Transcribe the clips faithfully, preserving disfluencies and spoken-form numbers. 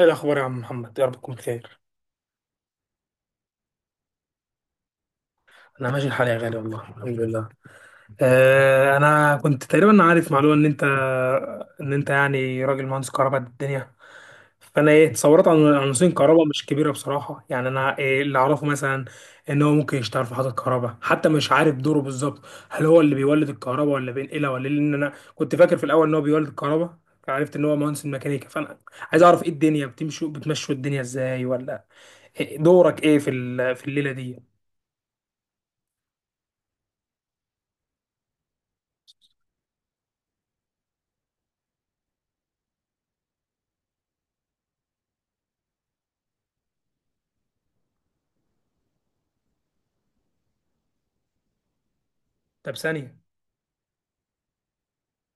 ايه الاخبار يا عم محمد، يا رب تكون بخير. انا ماشي الحال يا غالي، والله الحمد لله. آه انا كنت تقريبا عارف معلومه ان انت، ان انت يعني راجل مهندس كهرباء قد الدنيا. فانا ايه تصورات عن عن مهندسين كهرباء مش كبيره بصراحه، يعني انا إيه اللي اعرفه مثلا؟ ان هو ممكن يشتغل في محطه كهرباء، حتى مش عارف دوره بالظبط. هل هو اللي بيولد الكهرباء ولا بينقلها ولا إيه؟ لان انا كنت فاكر في الاول ان هو بيولد الكهرباء. عرفت ان هو مهندس ميكانيكا، فانا عايز اعرف ايه الدنيا، بتمشوا بتمشوا الدنيا ازاي، ولا إيه دورك ايه في ال- في الليله دي؟ طب ثانية.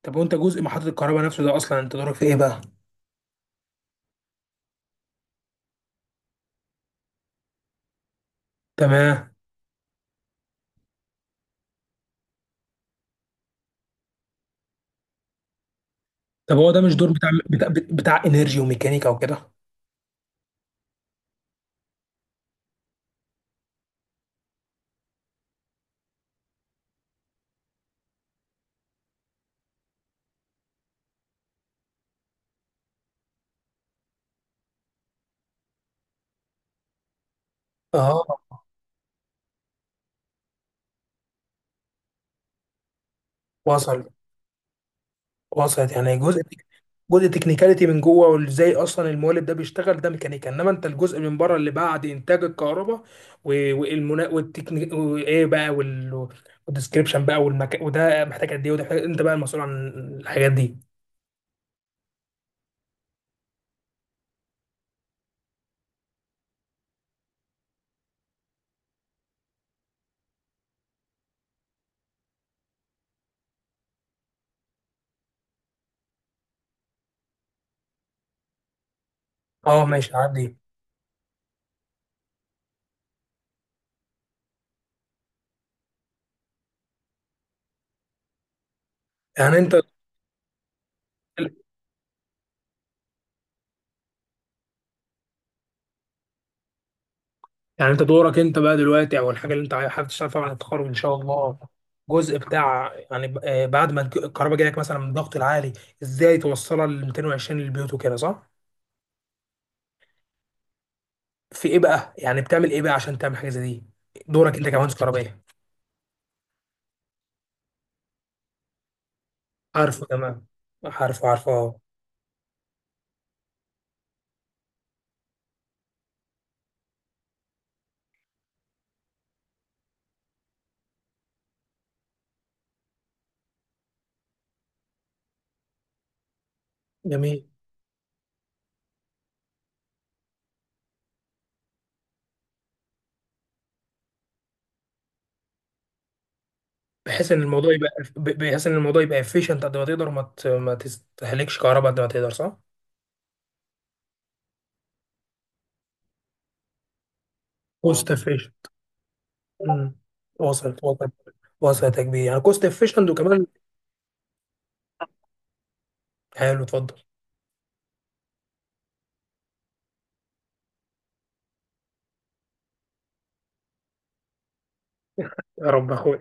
طب وانت جزء محطة الكهرباء نفسه ده، اصلا انت دورك في ايه بقى؟ تمام. طب هو ده مش دور بتاع بتاع, بتاع انرجي وميكانيكا وكده؟ اه. وصل، وصلت يعني جزء، جزء تكنيكاليتي من جوه، وازاي اصلا المولد ده بيشتغل، ده ميكانيكا. انما انت الجزء من بره اللي بعد انتاج الكهرباء، و- والمنا والتكنيك وايه بقى وال والديسكريبشن بقى والمكان، وده محتاج قد ايه، وده محتاج، انت بقى المسؤول عن الحاجات دي. اه ماشي عادي. يعني انت يعني انت دورك انت بقى دلوقتي، او الحاجه اللي انت حابب تشتغل فيها بعد التخرج ان شاء الله، جزء بتاع يعني ب- آه، بعد ما الك- الكهرباء جايلك مثلا من الضغط العالي، ازاي توصلها ل مئتين وعشرين للبيوت وكده، صح؟ في ايه بقى؟ يعني بتعمل ايه بقى عشان تعمل حاجه زي دي؟ دورك انت كمهندس كهربائي. عارفه تمام. عارفه عارفه اه. جميل. بحيث ان الموضوع يبقى، ب- بحيث ان الموضوع يبقى افيشنت قد ما تقدر، ما ت- ما تستهلكش كهرباء قد ما تقدر، صح؟ كوست افيشنت. وصلت، وصلت، وصلت يا كبير، يعني كوست افيشنت وكمان. حلو، اتفضل. يا رب اخويا.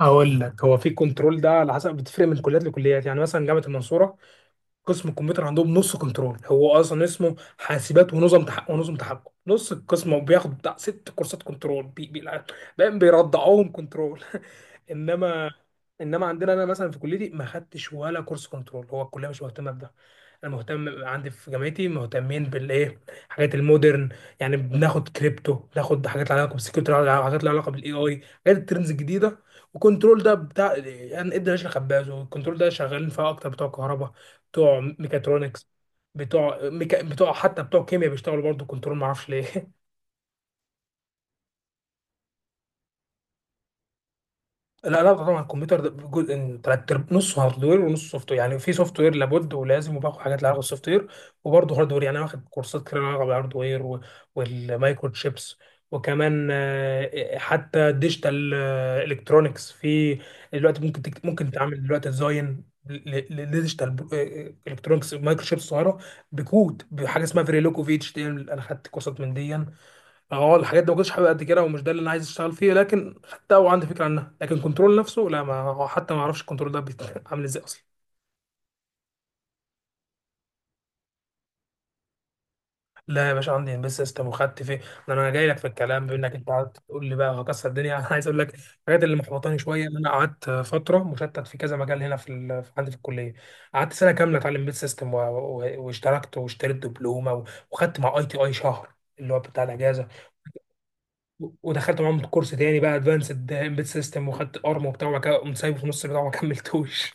هقول لك، هو في كنترول ده على حسب، بتفرق من كليات لكليات، يعني مثلا جامعه المنصوره قسم الكمبيوتر عندهم نص كنترول، هو اصلا اسمه حاسبات ونظم تحكم، ونظم تحكم نص القسم، وبياخد بتاع ست كورسات كنترول، بي بي بقى بيرضعوهم كنترول. انما، انما عندنا انا مثلا في كليتي ما خدتش ولا كورس كنترول، هو الكليه مش مهتمه بده. انا مهتم، عندي في جامعتي مهتمين بالايه، حاجات المودرن. يعني بناخد كريبتو، بناخد حاجات لها علاقه بالسكيورتي، حاجات لها علاقه بالاي اي، حاجات الترندز الجديده. وكنترول ده بتاع يعني ادي راشد خباز، والكنترول ده شغالين فيها اكتر بتوع كهرباء، بتوع ميكاترونكس، بتوع ميكا... بتوع حتى بتوع كيمياء بيشتغلوا برضه كنترول، ما اعرفش ليه لا لا طبعا الكمبيوتر ده جزء تلات أرباع- نصه هارد وير ونص سوفت وير، يعني في سوفت وير لابد ولازم، وباخد حاجات لها علاقه بالسوفت وير، وبرضه هارد وير. يعني أنا واخد كورسات كتير لها علاقه بالهارد وير، و- والمايكرو تشيبس، وكمان آه، حتى ديجيتال الكترونكس. في دلوقتي ممكن تكت- ممكن تعمل دلوقتي ديزاين لديجيتال الكترونكس مايكرو تشيبس صغيره، بكود بحاجه اسمها فيريلوكو في اتش تي ام، انا خدت كورسات من دي. اه الحاجات دي ما كنتش حابب قد كده، ومش ده اللي انا عايز اشتغل فيه، لكن حتى هو عندي فكره عنها. لكن كنترول نفسه لا، ما هو حتى ما اعرفش الكنترول ده بيت- عامل ازاي اصلا. لا يا باشا، عندي امبيد سيستم وخدت فيه. ده انا جاي لك في الكلام، بما انك انت قعدت تقول لي بقى هكسر الدنيا انا عايز اقول لك الحاجات اللي محبطاني شويه، ان انا قعدت فتره مشتت في كذا مجال هنا في ال... في- عندي في الكليه. قعدت سنه كامله اتعلم امبيد سيستم و... و... واشتركت، واشتريت دبلومه و... وخدت مع اي تي اي شهر، اللي هو بتاع الاجازه. ودخلت معاهم كورس تاني بقى ادفانسد امبيد سيستم، وخدت ارم وبتاع، وبعد كده قمت سايبه في نص البتاع وما كملتوش.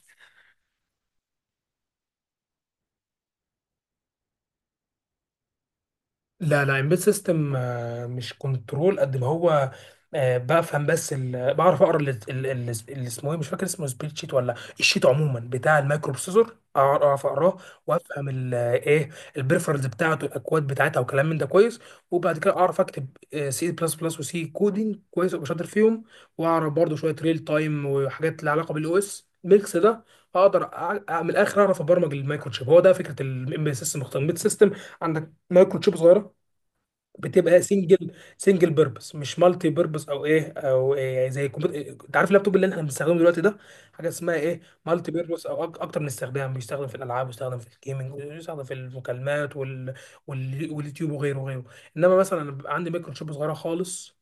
لا لا امبيد سيستم مش كنترول قد ما هو، آه، بفهم بس ال- بعرف اقرا ال- ال- ال- اللي اسمه ايه، مش فاكر اسمه، سبريد شيت ولا الشيت عموما بتاع المايكرو بروسيسور، أعر- اعرف اقراه وافهم ال- ايه البريفرنس بتاعته الاكواد بتاعتها وكلام من ده كويس. وبعد كده اعرف اكتب سي بلس بلس وسي كودينج كويس، ابقى شاطر فيهم. واعرف برضه شويه ريل تايم وحاجات لها علاقه بالاو اس ميكس ده، اقدر أع- أع- من الاخر اعرف ابرمج المايكرو تشيب. هو ده فكره الامبيد سيستم. امبيد سيستم عندك مايكرو تشيب صغيره، بتبقى سنجل، سنجل بيربس مش مالتي بيربس او ايه او إيه، زي الكمبيوتر انت عارف اللابتوب اللي احنا بنستخدمه دلوقتي ده، حاجه اسمها ايه مالتي بيربس، او أك- اكتر من استخدام، بيستخدم في الالعاب، بيستخدم في الجيمنج، بيستخدم في المكالمات وال... وال... واليوتيوب وغيره وغيره. انما مثلا أنا بيبقى عندي ميكروشوب صغيره خالص،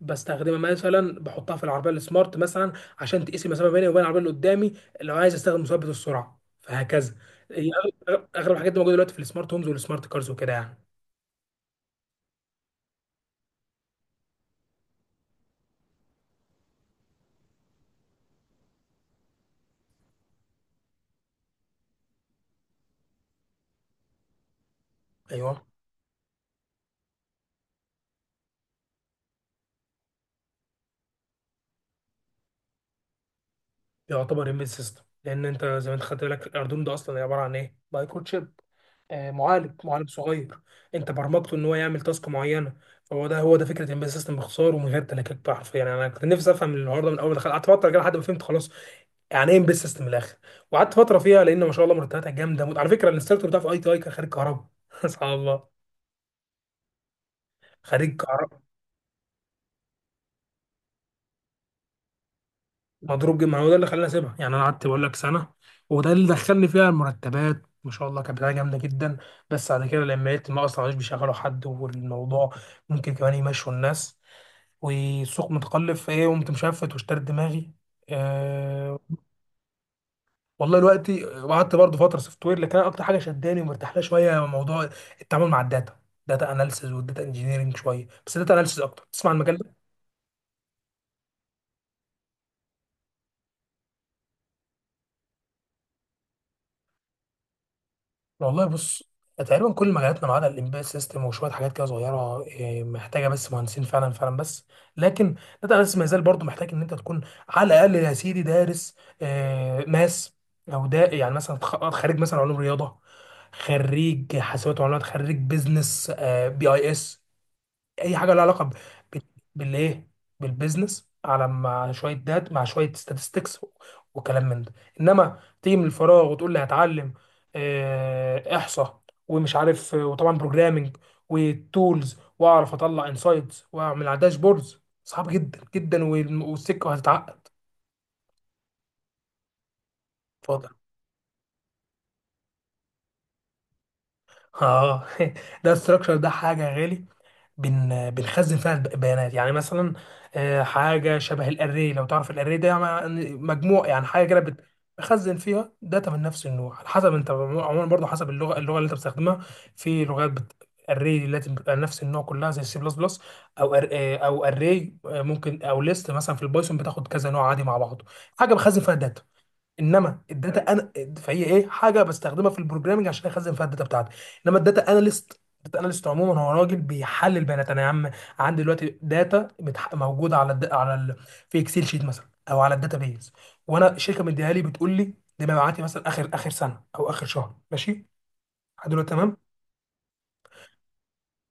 بستخدمها مثلا، بحطها في العربيه السمارت مثلا عشان تقيس المسافه بيني وبين العربيه اللي قدامي، لو عايز استخدم مثبت السرعه، فهكذا. هي اغلب أغلب الحاجات دي موجوده دلوقتي في السمارت هومز والسمارت كارز وكده يعني. ايوه يعتبر امبيد سيستم، لان انت زي ما انت خدت بالك الاردوينو ده اصلا عباره عن ايه، مايكرو تشيب، آه معالج معالج صغير، انت برمجته ان هو يعمل تاسك معينه. فهو ده هو ده فكره امبيد سيستم باختصار ومن غير تلكيك بقى حرفيا. يعني انا كنت نفسي افهم الحوار ده من اول ما دخلت، قعدت فتره كده لحد ما فهمت خلاص يعني ايه امبيد سيستم من الاخر. وقعدت فتره فيها لان ما شاء الله مرتباتها جامده موت. على فكره الانستراكتور بتاع في اي تي اي كان خريج كهرباء سبحان الله. خريج كهرباء مضروب جدا، ما هو ده اللي خلاني اسيبها، يعني انا قعدت بقول لك سنه. وده اللي دخلني فيها المرتبات ما شاء الله كانت بتاعه جامده جدا. بس بعد كده لما لقيت ما اصلا مش بيشغلوا حد، والموضوع ممكن كمان يمشوا الناس، والسوق متقلب، فايه قمت مشفت واشتريت دماغي. أه. والله الوقت، وقعدت برضه فتره سوفت وير، لكن انا اكتر حاجه شداني ومرتاح لها شويه هو موضوع التعامل مع الداتا. داتا اناليسز والداتا انجينيرنج شويه، بس داتا اناليسز اكتر، تسمع عن المجال ده. والله بص، تقريبا كل مجالاتنا ما عدا الامبيد سيستم وشويه حاجات كده صغيره، إيه، محتاجه بس مهندسين فعلا، فعلا بس. لكن داتا اناليسيس ما يزال برضه محتاج ان انت تكون على الاقل يا سيدي دارس، آه، ماس، او ده يعني مثلا تخ- خريج مثلا علوم رياضه، خريج حاسبات ومعلومات، خريج بيزنس، بي اي اس، اي حاجه لها علاقه ب- ب- بالايه، بالبيزنس، على مع شويه دات، مع شويه statistics، و- وكلام من ده. انما تيجي من الفراغ وتقول لي هتعلم آه، احصاء ومش عارف آه، وطبعا بروجرامنج وتولز، واعرف اطلع انسايتس واعمل على داشبوردز، صعب جدا جدا وال- والسكه هتتعقد. اتفضل. اه ده الستراكشر ده حاجه يا غالي، بن بنخزن فيها الب- البيانات. يعني مثلا آه، حاجه شبه الاري، لو تعرف الاري ده يعني مجموع، يعني حاجه كده بت- بخزن فيها داتا من نفس النوع، على حسب انت عموما برضه حسب اللغه اللغه اللي انت بتستخدمها. في لغات بت... الري التي بتبقى نفس النوع كلها زي السي بلس بلس، او أر... آه، او اري ممكن، او ليست مثلا في البايثون بتاخد كذا نوع عادي مع بعضه، حاجه بخزن فيها داتا. انما الداتا انا، فهي ايه حاجه بستخدمها في البروجرامنج عشان اخزن فيها الداتا بتاعتي. انما الداتا اناليست، الداتا اناليست عموما هو راجل بيحلل بيانات. انا يا عم عندي دلوقتي داتا متح... موجوده على الد... على ال... في اكسل شيت مثلا، او على الداتا بيز. وانا الشركه مديها لي، بتقول لي دي مبيعاتي مثلا اخر، اخر سنه او اخر شهر، ماشي لحد دلوقتي، تمام.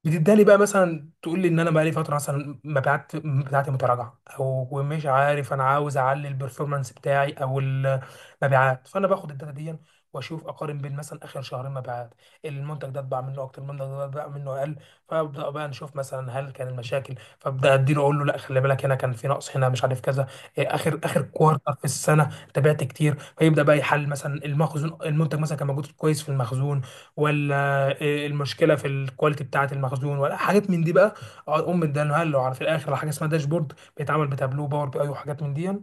بتداني بقى مثلا تقول لي ان انا بقى لي فتره مثلا مبيعات بتاعتي متراجعه، او مش عارف انا عاوز اعلي البرفورمانس بتاعي او المبيعات، فانا باخد الداتا دي واشوف، اقارن بين مثلا اخر شهرين مبيعات، المنتج ده اتباع منه اكتر، المنتج ده اتباع منه اقل. فابدا بقى نشوف مثلا هل كان المشاكل، فابدا اديله اقول له لا خلي بالك هنا كان في نقص، هنا مش عارف كذا، إيه، اخر، اخر كوارتر في السنه تبعت كتير، فيبدا بقى يحل مثلا المخزون، المنتج مثلا كان موجود كويس في المخزون ولا إيه المشكله في الكواليتي بتاعه المخزون، ولا حاجات من دي بقى. اقعد ام اداله له على في الاخر على حاجه اسمها داشبورد، بيتعمل بتابلو باور بي اي وحاجات من دي،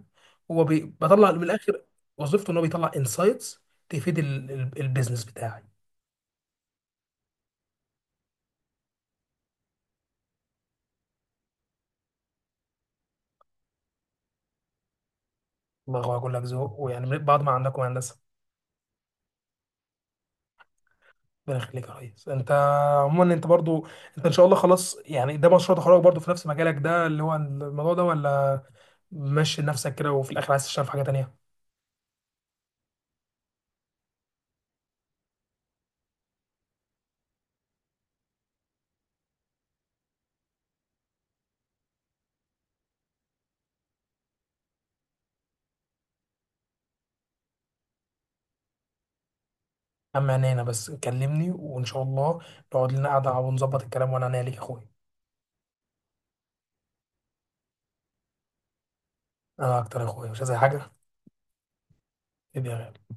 هو بي- بطلع من الاخر وظيفته ان هو بيطلع انسايتس تفيد ال- ال- البيزنس بتاعي. الله هو يقول لك ذوق، ويعني من بعض ما عندكم يا هندسه. ربنا يخليك يا ريس. انت عموما انت برضو، انت ان شاء الله خلاص، يعني ده مشروع تخرجك برضو في نفس مجالك ده اللي هو الموضوع ده، ولا ماشي نفسك كده وفي الاخر عايز تشتغل في حاجه تانيه؟ اما انا بس كلمني وان شاء الله نقعد لنا قعده ونظبط الكلام، وانا، انا ليك يا اخويا. انا اكتر يا اخويا، مش عايز أي حاجه. إيدي يا غالي.